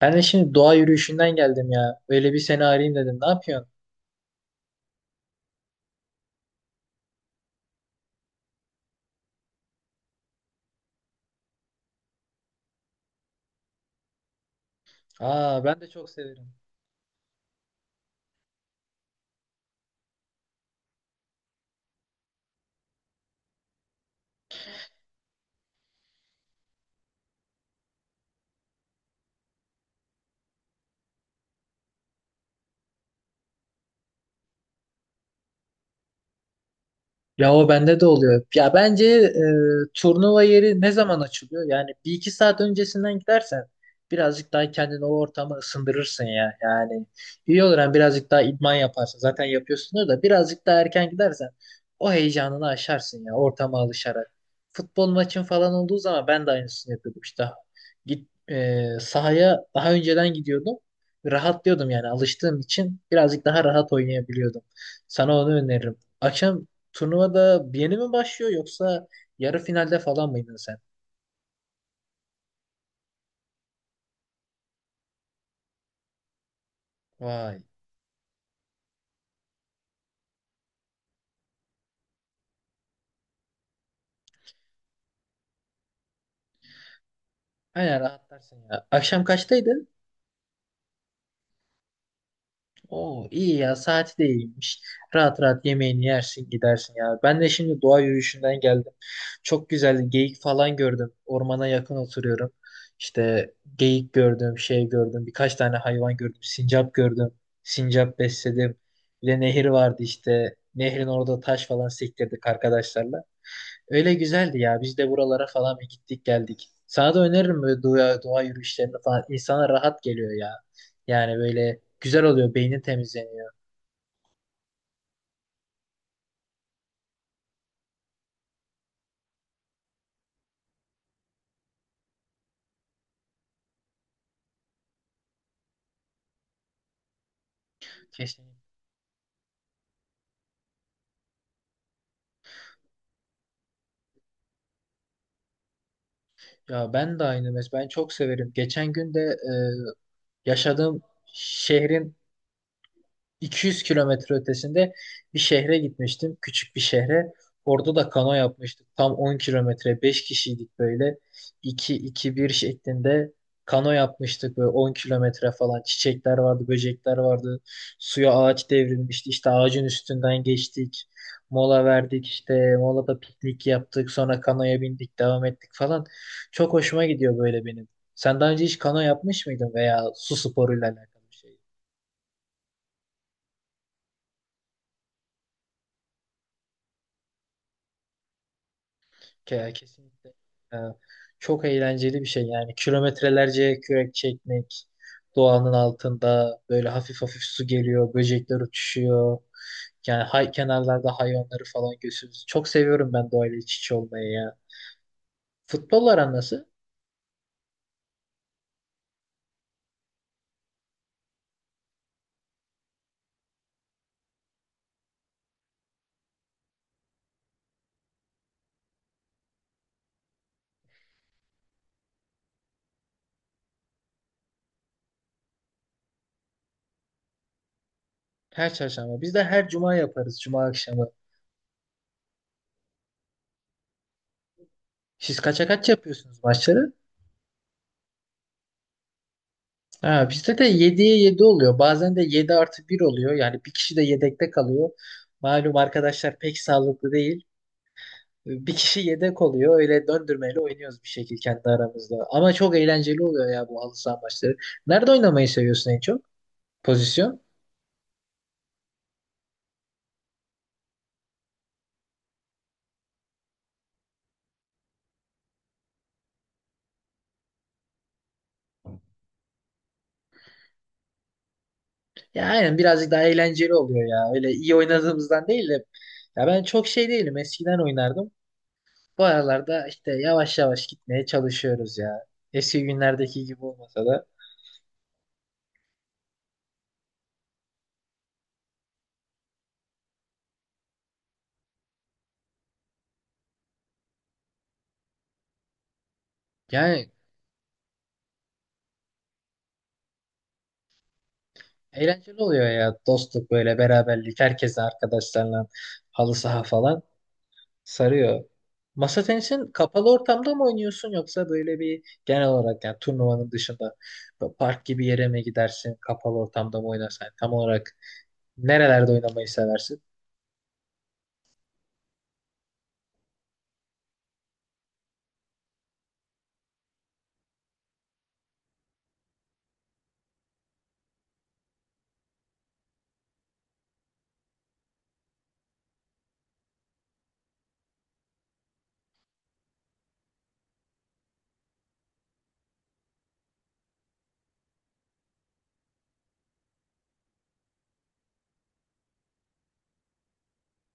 Ben de şimdi doğa yürüyüşünden geldim ya. Böyle bir seni arayayım dedim. Ne yapıyorsun? Aa ben de çok severim. Ya o bende de oluyor. Ya bence turnuva yeri ne zaman açılıyor? Yani bir iki saat öncesinden gidersen birazcık daha kendini o ortama ısındırırsın ya. Yani iyi olur, hem birazcık daha idman yaparsın. Zaten yapıyorsun da birazcık daha erken gidersen o heyecanını aşarsın ya, ortama alışarak. Futbol maçın falan olduğu zaman ben de aynısını yapıyordum işte. Sahaya daha önceden gidiyordum. Rahatlıyordum, yani alıştığım için birazcık daha rahat oynayabiliyordum. Sana onu öneririm. Akşam turnuvada yeni mi başlıyor, yoksa yarı finalde falan mıydın sen? Vay. Aynen, rahatlarsın ya. Akşam kaçtaydın? Oo, iyi ya, saati de iyiymiş. Rahat rahat yemeğini yersin, gidersin ya. Ben de şimdi doğa yürüyüşünden geldim. Çok güzel geyik falan gördüm. Ormana yakın oturuyorum. İşte geyik gördüm, şey gördüm. Birkaç tane hayvan gördüm. Sincap gördüm. Sincap besledim. Bir de nehir vardı işte. Nehrin orada taş falan sektirdik arkadaşlarla. Öyle güzeldi ya. Biz de buralara falan bir gittik geldik. Sana da öneririm böyle doğa yürüyüşlerini falan. İnsana rahat geliyor ya. Yani böyle güzel oluyor. Beynin temizleniyor. Kesinlikle. Ya ben de aynı. Ben çok severim. Geçen gün de yaşadığım şehrin 200 kilometre ötesinde bir şehre gitmiştim. Küçük bir şehre. Orada da kano yapmıştık. Tam 10 kilometre. Beş kişiydik böyle. 2 iki bir şeklinde kano yapmıştık. Böyle 10 kilometre falan. Çiçekler vardı, böcekler vardı. Suya ağaç devrilmişti. İşte ağacın üstünden geçtik. Mola verdik işte. Molada piknik yaptık. Sonra kanoya bindik, devam ettik falan. Çok hoşuma gidiyor böyle benim. Sen daha önce hiç kano yapmış mıydın, veya su sporuyla alakalı bir şey? Kesinlikle. Ee, Çok eğlenceli bir şey yani. Kilometrelerce kürek çekmek, doğanın altında böyle hafif hafif su geliyor, böcekler uçuşuyor. Yani kenarlarda hayvanları falan görüyorsunuz. Çok seviyorum ben doğayla iç içe olmayı ya. Futbol aran nasıl? Her çarşamba. Biz de her cuma yaparız, cuma akşamı. Siz kaça kaç yapıyorsunuz maçları? Ha, bizde de yediye 7 oluyor. Bazen de 7 artı bir oluyor. Yani bir kişi de yedekte kalıyor. Malum arkadaşlar pek sağlıklı değil. Bir kişi yedek oluyor. Öyle döndürmeyle oynuyoruz bir şekilde kendi aramızda. Ama çok eğlenceli oluyor ya bu halı saha maçları. Nerede oynamayı seviyorsun en çok? Pozisyon? Ya aynen, birazcık daha eğlenceli oluyor ya. Öyle iyi oynadığımızdan değil de. Ya ben çok şey değilim. Eskiden oynardım. Bu aralarda işte yavaş yavaş gitmeye çalışıyoruz ya. Eski günlerdeki gibi olmasa da. Yani eğlenceli oluyor ya. Dostluk böyle, beraberlik. Herkese arkadaşlarla halı saha falan. Sarıyor. Masa tenisin kapalı ortamda mı oynuyorsun, yoksa böyle bir genel olarak, yani turnuvanın dışında bu park gibi yere mi gidersin, kapalı ortamda mı oynarsan tam olarak nerelerde oynamayı seversin?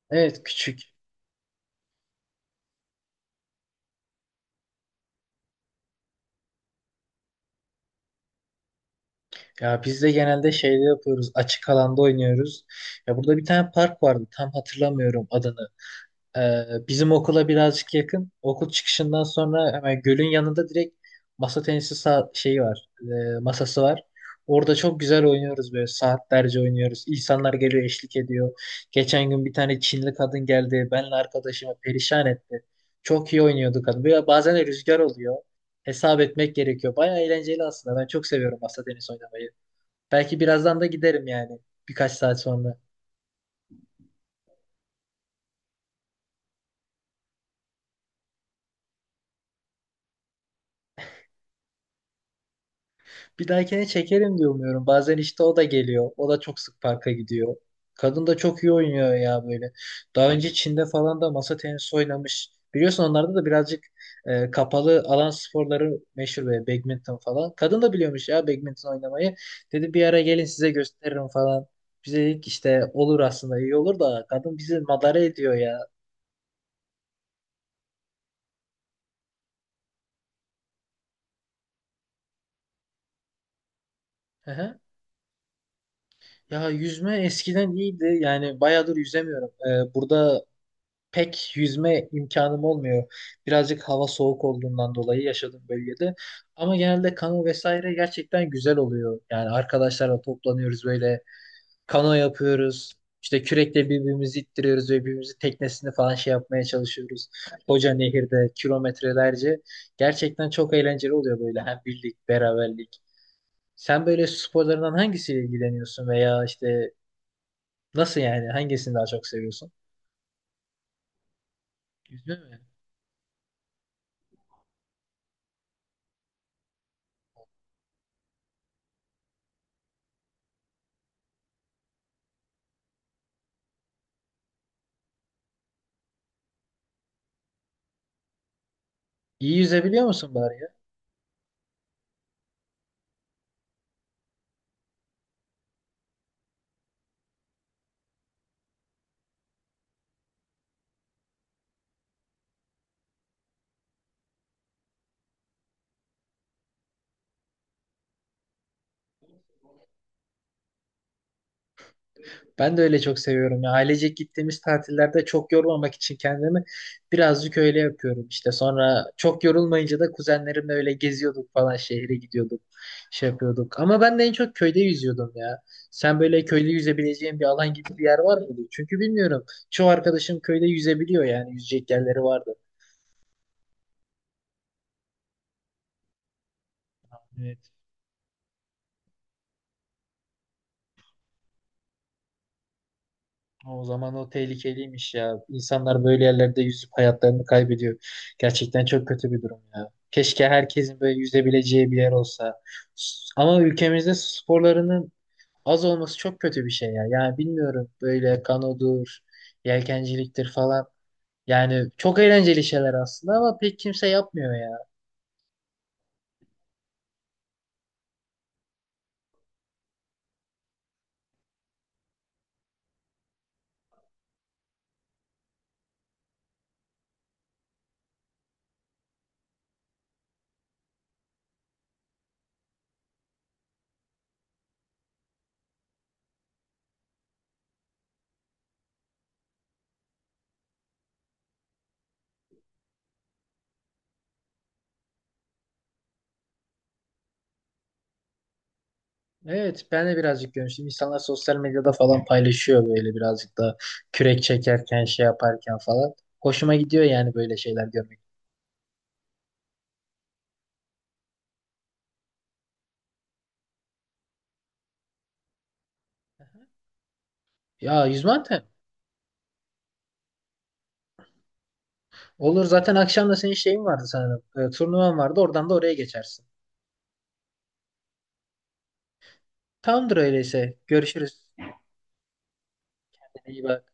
Evet, küçük. Ya biz de genelde şeyde yapıyoruz. Açık alanda oynuyoruz. Ya burada bir tane park vardı. Tam hatırlamıyorum adını. Bizim okula birazcık yakın. Okul çıkışından sonra hemen gölün yanında direkt masa tenisi şeyi var. Masası var. Orada çok güzel oynuyoruz, böyle saatlerce oynuyoruz. İnsanlar geliyor, eşlik ediyor. Geçen gün bir tane Çinli kadın geldi. Benle arkadaşımı perişan etti. Çok iyi oynuyordu kadın. Böyle bazen de rüzgar oluyor. Hesap etmek gerekiyor. Baya eğlenceli aslında. Ben çok seviyorum masa tenisi oynamayı. Belki birazdan da giderim yani. Birkaç saat sonra. Bir dahakine çekerim diye umuyorum. Bazen işte o da geliyor. O da çok sık parka gidiyor. Kadın da çok iyi oynuyor ya böyle. Daha önce Çin'de falan da masa tenisi oynamış. Biliyorsun, onlarda da birazcık kapalı alan sporları meşhur, böyle badminton falan. Kadın da biliyormuş ya badminton oynamayı. Dedi bir ara gelin size gösteririm falan. Bize dedik işte olur, aslında iyi olur da kadın bizi madara ediyor ya. Hı hı. Ya yüzme eskiden iyiydi. Yani bayağıdır yüzemiyorum. Burada pek yüzme imkanım olmuyor. Birazcık hava soğuk olduğundan dolayı yaşadığım bölgede. Ama genelde kano vesaire gerçekten güzel oluyor. Yani arkadaşlarla toplanıyoruz, böyle kano yapıyoruz. İşte kürekle birbirimizi ittiriyoruz ve birbirimizin teknesini falan şey yapmaya çalışıyoruz. Koca nehirde kilometrelerce. Gerçekten çok eğlenceli oluyor, böyle hem birlik, beraberlik. Sen böyle sporlarından hangisiyle ilgileniyorsun veya işte nasıl, yani hangisini daha çok seviyorsun? Yüzme mi? İyi yüzebiliyor musun bari? Ben de öyle çok seviyorum ya. Ailecek gittiğimiz tatillerde çok yormamak için kendimi birazcık öyle yapıyorum işte. Sonra çok yorulmayınca da kuzenlerimle öyle geziyorduk, falan şehre gidiyorduk. Şey yapıyorduk. Ama ben de en çok köyde yüzüyordum ya. Sen böyle köyde yüzebileceğin bir alan gibi bir yer var mıydı? Çünkü bilmiyorum. Çoğu arkadaşım köyde yüzebiliyor yani. Yüzecek yerleri vardı. Evet. O zaman o tehlikeliymiş ya. İnsanlar böyle yerlerde yüzüp hayatlarını kaybediyor. Gerçekten çok kötü bir durum ya. Keşke herkesin böyle yüzebileceği bir yer olsa. Ama ülkemizde su sporlarının az olması çok kötü bir şey ya. Yani bilmiyorum, böyle kanodur, yelkenciliktir falan. Yani çok eğlenceli şeyler aslında ama pek kimse yapmıyor ya. Evet, ben de birazcık görmüştüm. İnsanlar sosyal medyada falan paylaşıyor, böyle birazcık da kürek çekerken, şey yaparken falan. Hoşuma gidiyor yani böyle şeyler görmek. Ya yüzmanten. Olur, zaten akşam da senin şeyin vardı sanırım. Turnuvan vardı. Oradan da oraya geçersin. Tamamdır öyleyse. Görüşürüz. İyi bak.